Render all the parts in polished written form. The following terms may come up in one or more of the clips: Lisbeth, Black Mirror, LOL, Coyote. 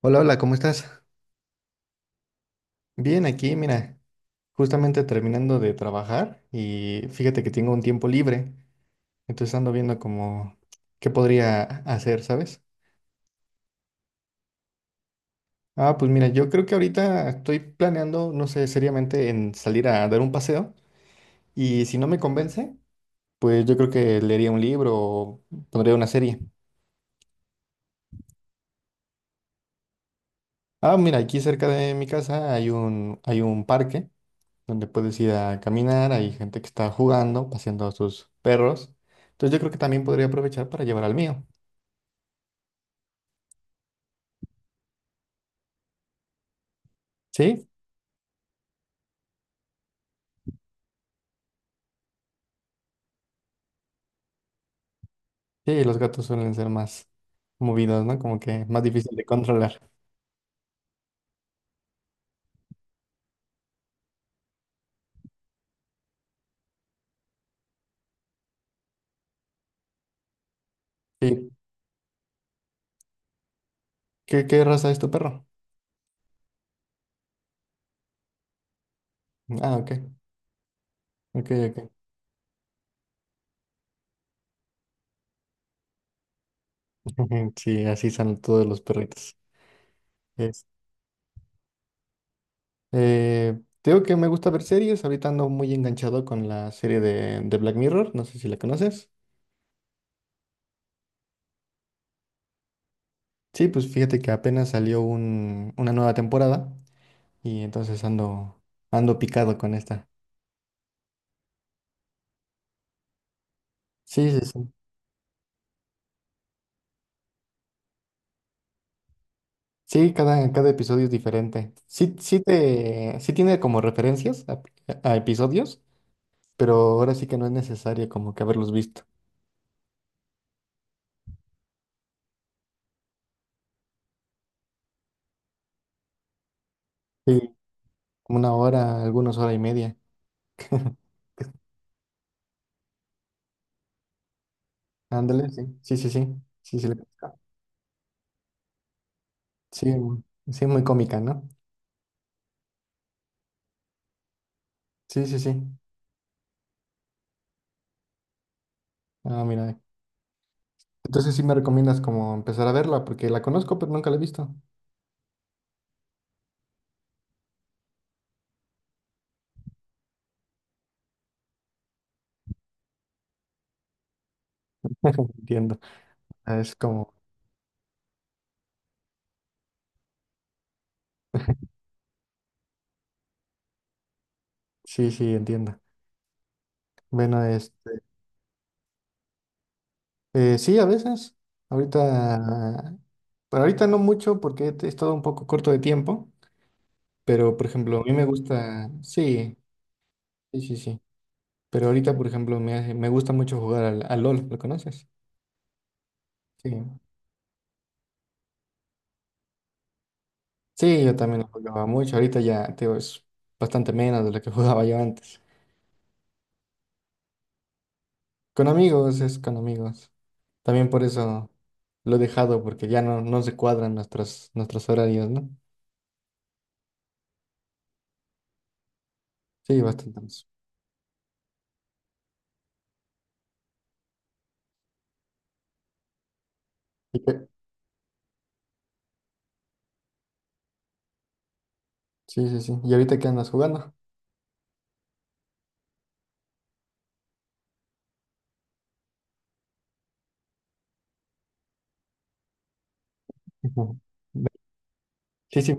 Hola, hola, ¿cómo estás? Bien, aquí, mira, justamente terminando de trabajar y fíjate que tengo un tiempo libre, entonces ando viendo como qué podría hacer, ¿sabes? Ah, pues mira, yo creo que ahorita estoy planeando, no sé, seriamente en salir a dar un paseo y si no me convence, pues yo creo que leería un libro o pondría una serie. Ah, mira, aquí cerca de mi casa hay hay un parque, donde puedes ir a caminar, hay gente que está jugando, paseando a sus perros. Entonces yo creo que también podría aprovechar para llevar al mío. ¿Sí? Sí, los gatos suelen ser más movidos, ¿no? Como que más difícil de controlar. Sí. ¿Qué raza es tu perro? Ah, ok. Ok, ok. Sí, así son todos los perritos. Es. Te digo que me gusta ver series. Ahorita ando muy enganchado con la serie de Black Mirror. No sé si la conoces. Sí, pues fíjate que apenas salió una nueva temporada. Y entonces ando picado con esta. Sí, sí, sí. Sí, cada episodio es diferente. Sí, sí tiene como referencias a episodios, pero ahora sí que no es necesario como que haberlos visto. Sí, como una hora, algunos hora y media. Ándale, sí, sí, sí, sí. Sí, sí, le conozco. Sí, sí, muy cómica, ¿no? Sí, sí, sí. Ah, mira. Entonces sí me recomiendas como empezar a verla, porque la conozco, pero nunca la he visto. Entiendo. Ah, es como, sí, sí, entiendo. Bueno, es sí, a veces. Ahorita, pero ahorita no mucho porque he estado un poco corto de tiempo, pero por ejemplo, a mí me gusta, sí, sí, sí, sí. Pero ahorita, por ejemplo, me gusta mucho jugar al LOL, ¿lo conoces? Sí. Sí, yo también lo jugaba mucho. Ahorita ya, te digo, es bastante menos de lo que jugaba yo antes. Con amigos, es con amigos. También por eso lo he dejado, porque no se cuadran nuestros horarios, ¿no? Sí, bastante más. ¿Y qué? Sí, sí, sí. ¿Y ahorita qué andas jugando? Ujú. Sí, sí,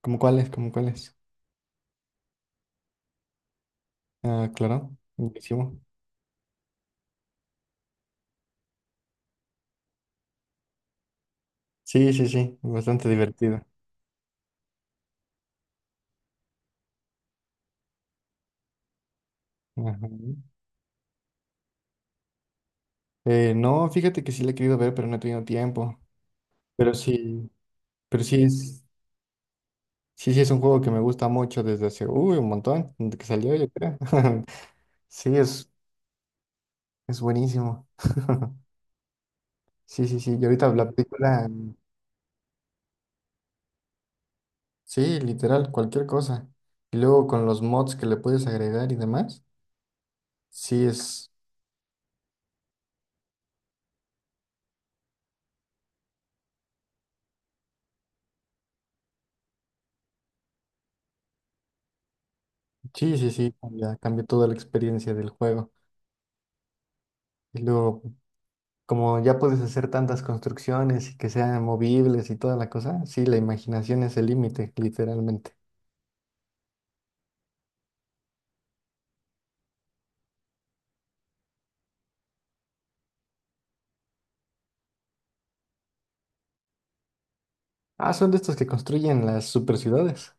como cuáles. Ah, claro, buenísimo. Sí, sí, sí, bastante divertido. Ajá. No, fíjate que sí le he querido ver, pero no he tenido tiempo. Pero sí, pero sí es, sí, sí es un juego que me gusta mucho desde hace, uy, un montón, desde que salió, yo creo. Sí, es buenísimo. Sí, sí, sí. Y ahorita la película, sí, literal, cualquier cosa. Y luego con los mods que le puedes agregar y demás, sí es. Sí, sí, sí, cambia toda la experiencia del juego. Y luego, como ya puedes hacer tantas construcciones y que sean movibles y toda la cosa, sí, la imaginación es el límite, literalmente. Ah, son de estos que construyen las super ciudades.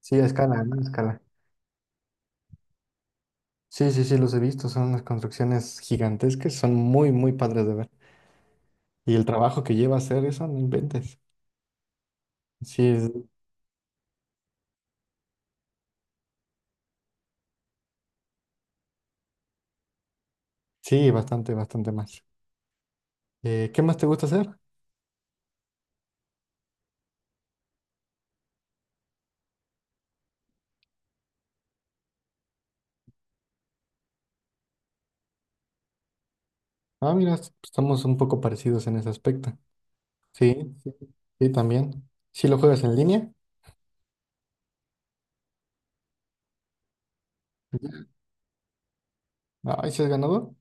Sí, a escala, ¿no? A escala. Sí, sí, sí, los he visto, son unas construcciones gigantescas, son muy, muy padres de ver. Y el trabajo que lleva hacer eso, no inventes. Sí, sí, bastante, bastante más. ¿Qué más te gusta hacer? Ah, mira, estamos un poco parecidos en ese aspecto. Sí, sí, sí, también. ¿Sí lo juegas en línea? Ay, ¿sí has ganado?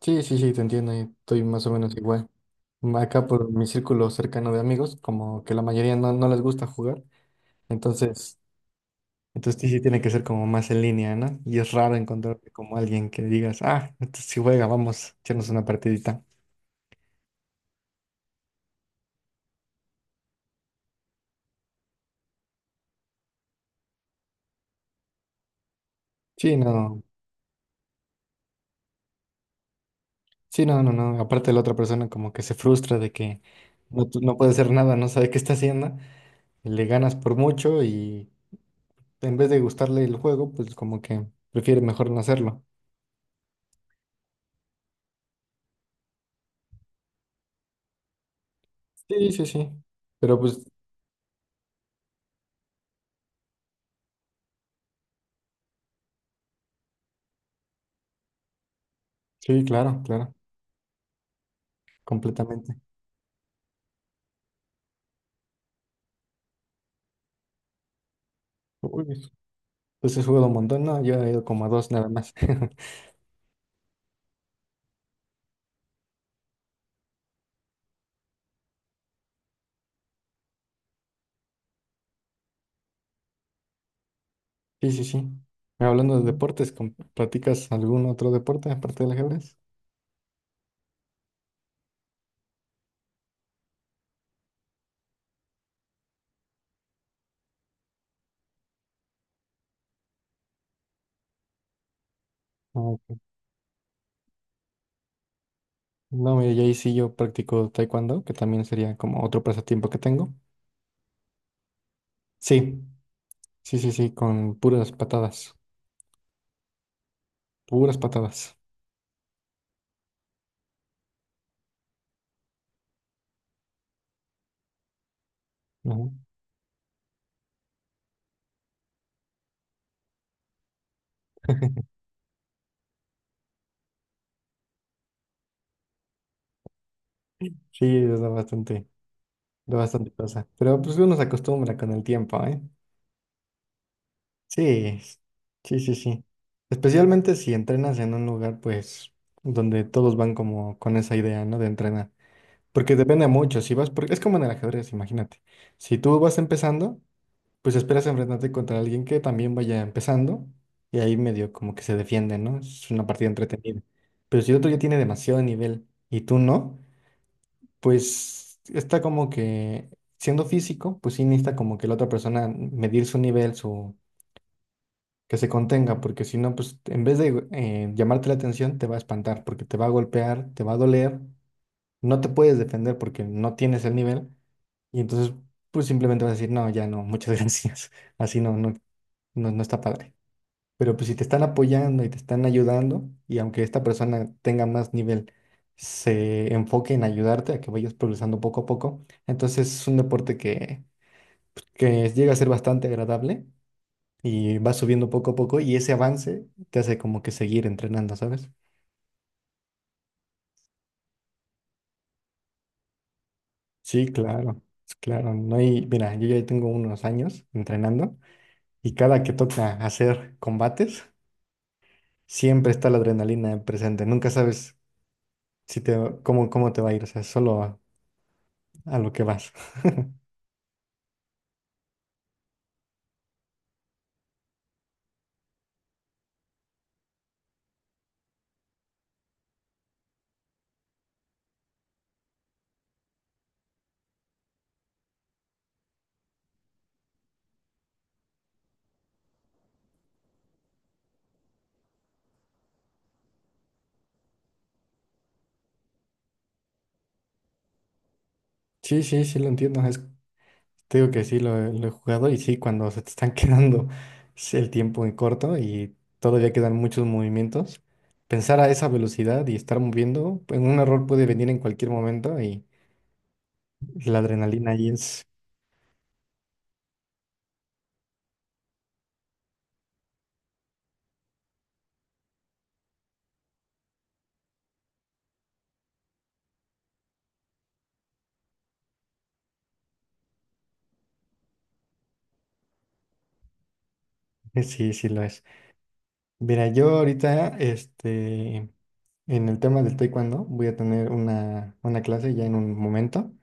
Sí, sí, sí, te entiendo y estoy más o menos igual. Acá por mi círculo cercano de amigos, como que la mayoría no les gusta jugar, entonces, entonces sí, sí tiene que ser como más en línea, ¿no? Y es raro encontrarte como alguien que digas, ah, entonces sí juega, vamos a echarnos una partidita. Sí, no, sí, no, no, no. Aparte la otra persona como que se frustra de que no puede hacer nada, no sabe qué está haciendo, le ganas por mucho y en vez de gustarle el juego, pues como que prefiere mejor no hacerlo. Sí, sí, sí. Pero pues, sí, claro, claro, completamente. Uy, pues he jugado un montón, ¿no? Yo he ido como a dos nada más. Sí, sí, sí. Hablando de deportes, ¿practicas algún otro deporte aparte del ajedrez? Ah, ok. No, mira, y ahí sí yo practico taekwondo, que también sería como otro pasatiempo que tengo. Sí, sí, sí, sí, con puras patadas, puras patadas. Ujú. Sí, es bastante de bastante cosa. Pero pues uno se acostumbra con el tiempo, ¿eh? Sí, sí, sí, sí. Especialmente si entrenas en un lugar, pues, donde todos van como con esa idea, ¿no? De entrenar. Porque depende mucho, si vas, por... es como en el ajedrez, imagínate. Si tú vas empezando, pues esperas enfrentarte contra alguien que también vaya empezando y ahí medio como que se defiende, ¿no? Es una partida entretenida. Pero si otro ya tiene demasiado nivel y tú no, pues está como que siendo físico, pues sí necesita como que la otra persona medir su nivel, su que se contenga, porque si no, pues en vez de llamarte la atención, te va a espantar, porque te va a golpear, te va a doler, no te puedes defender porque no tienes el nivel, y entonces pues simplemente vas a decir, no, ya no, muchas gracias, así no, no, no, no está padre. Pero pues si te están apoyando y te están ayudando, y aunque esta persona tenga más nivel, se enfoque en ayudarte a que vayas progresando poco a poco, entonces es un deporte que llega a ser bastante agradable y va subiendo poco a poco y ese avance te hace como que seguir entrenando, ¿sabes? Sí, claro, claro. No hay, mira, yo ya tengo unos años entrenando y cada que toca hacer combates, siempre está la adrenalina presente. Nunca sabes si te, cómo, cómo te va a ir. O sea, solo a lo que vas. Sí, sí, sí lo entiendo. Te digo que lo he jugado y sí, cuando se te están quedando el tiempo en corto y todavía quedan muchos movimientos, pensar a esa velocidad y estar moviendo, pues, un error puede venir en cualquier momento y la adrenalina ahí es, sí, sí lo es. Mira, yo ahorita, este, en el tema del taekwondo, voy a tener una clase ya en un momento.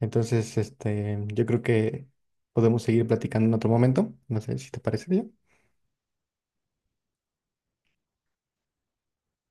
Entonces, este, yo creo que podemos seguir platicando en otro momento. No sé si te parece bien.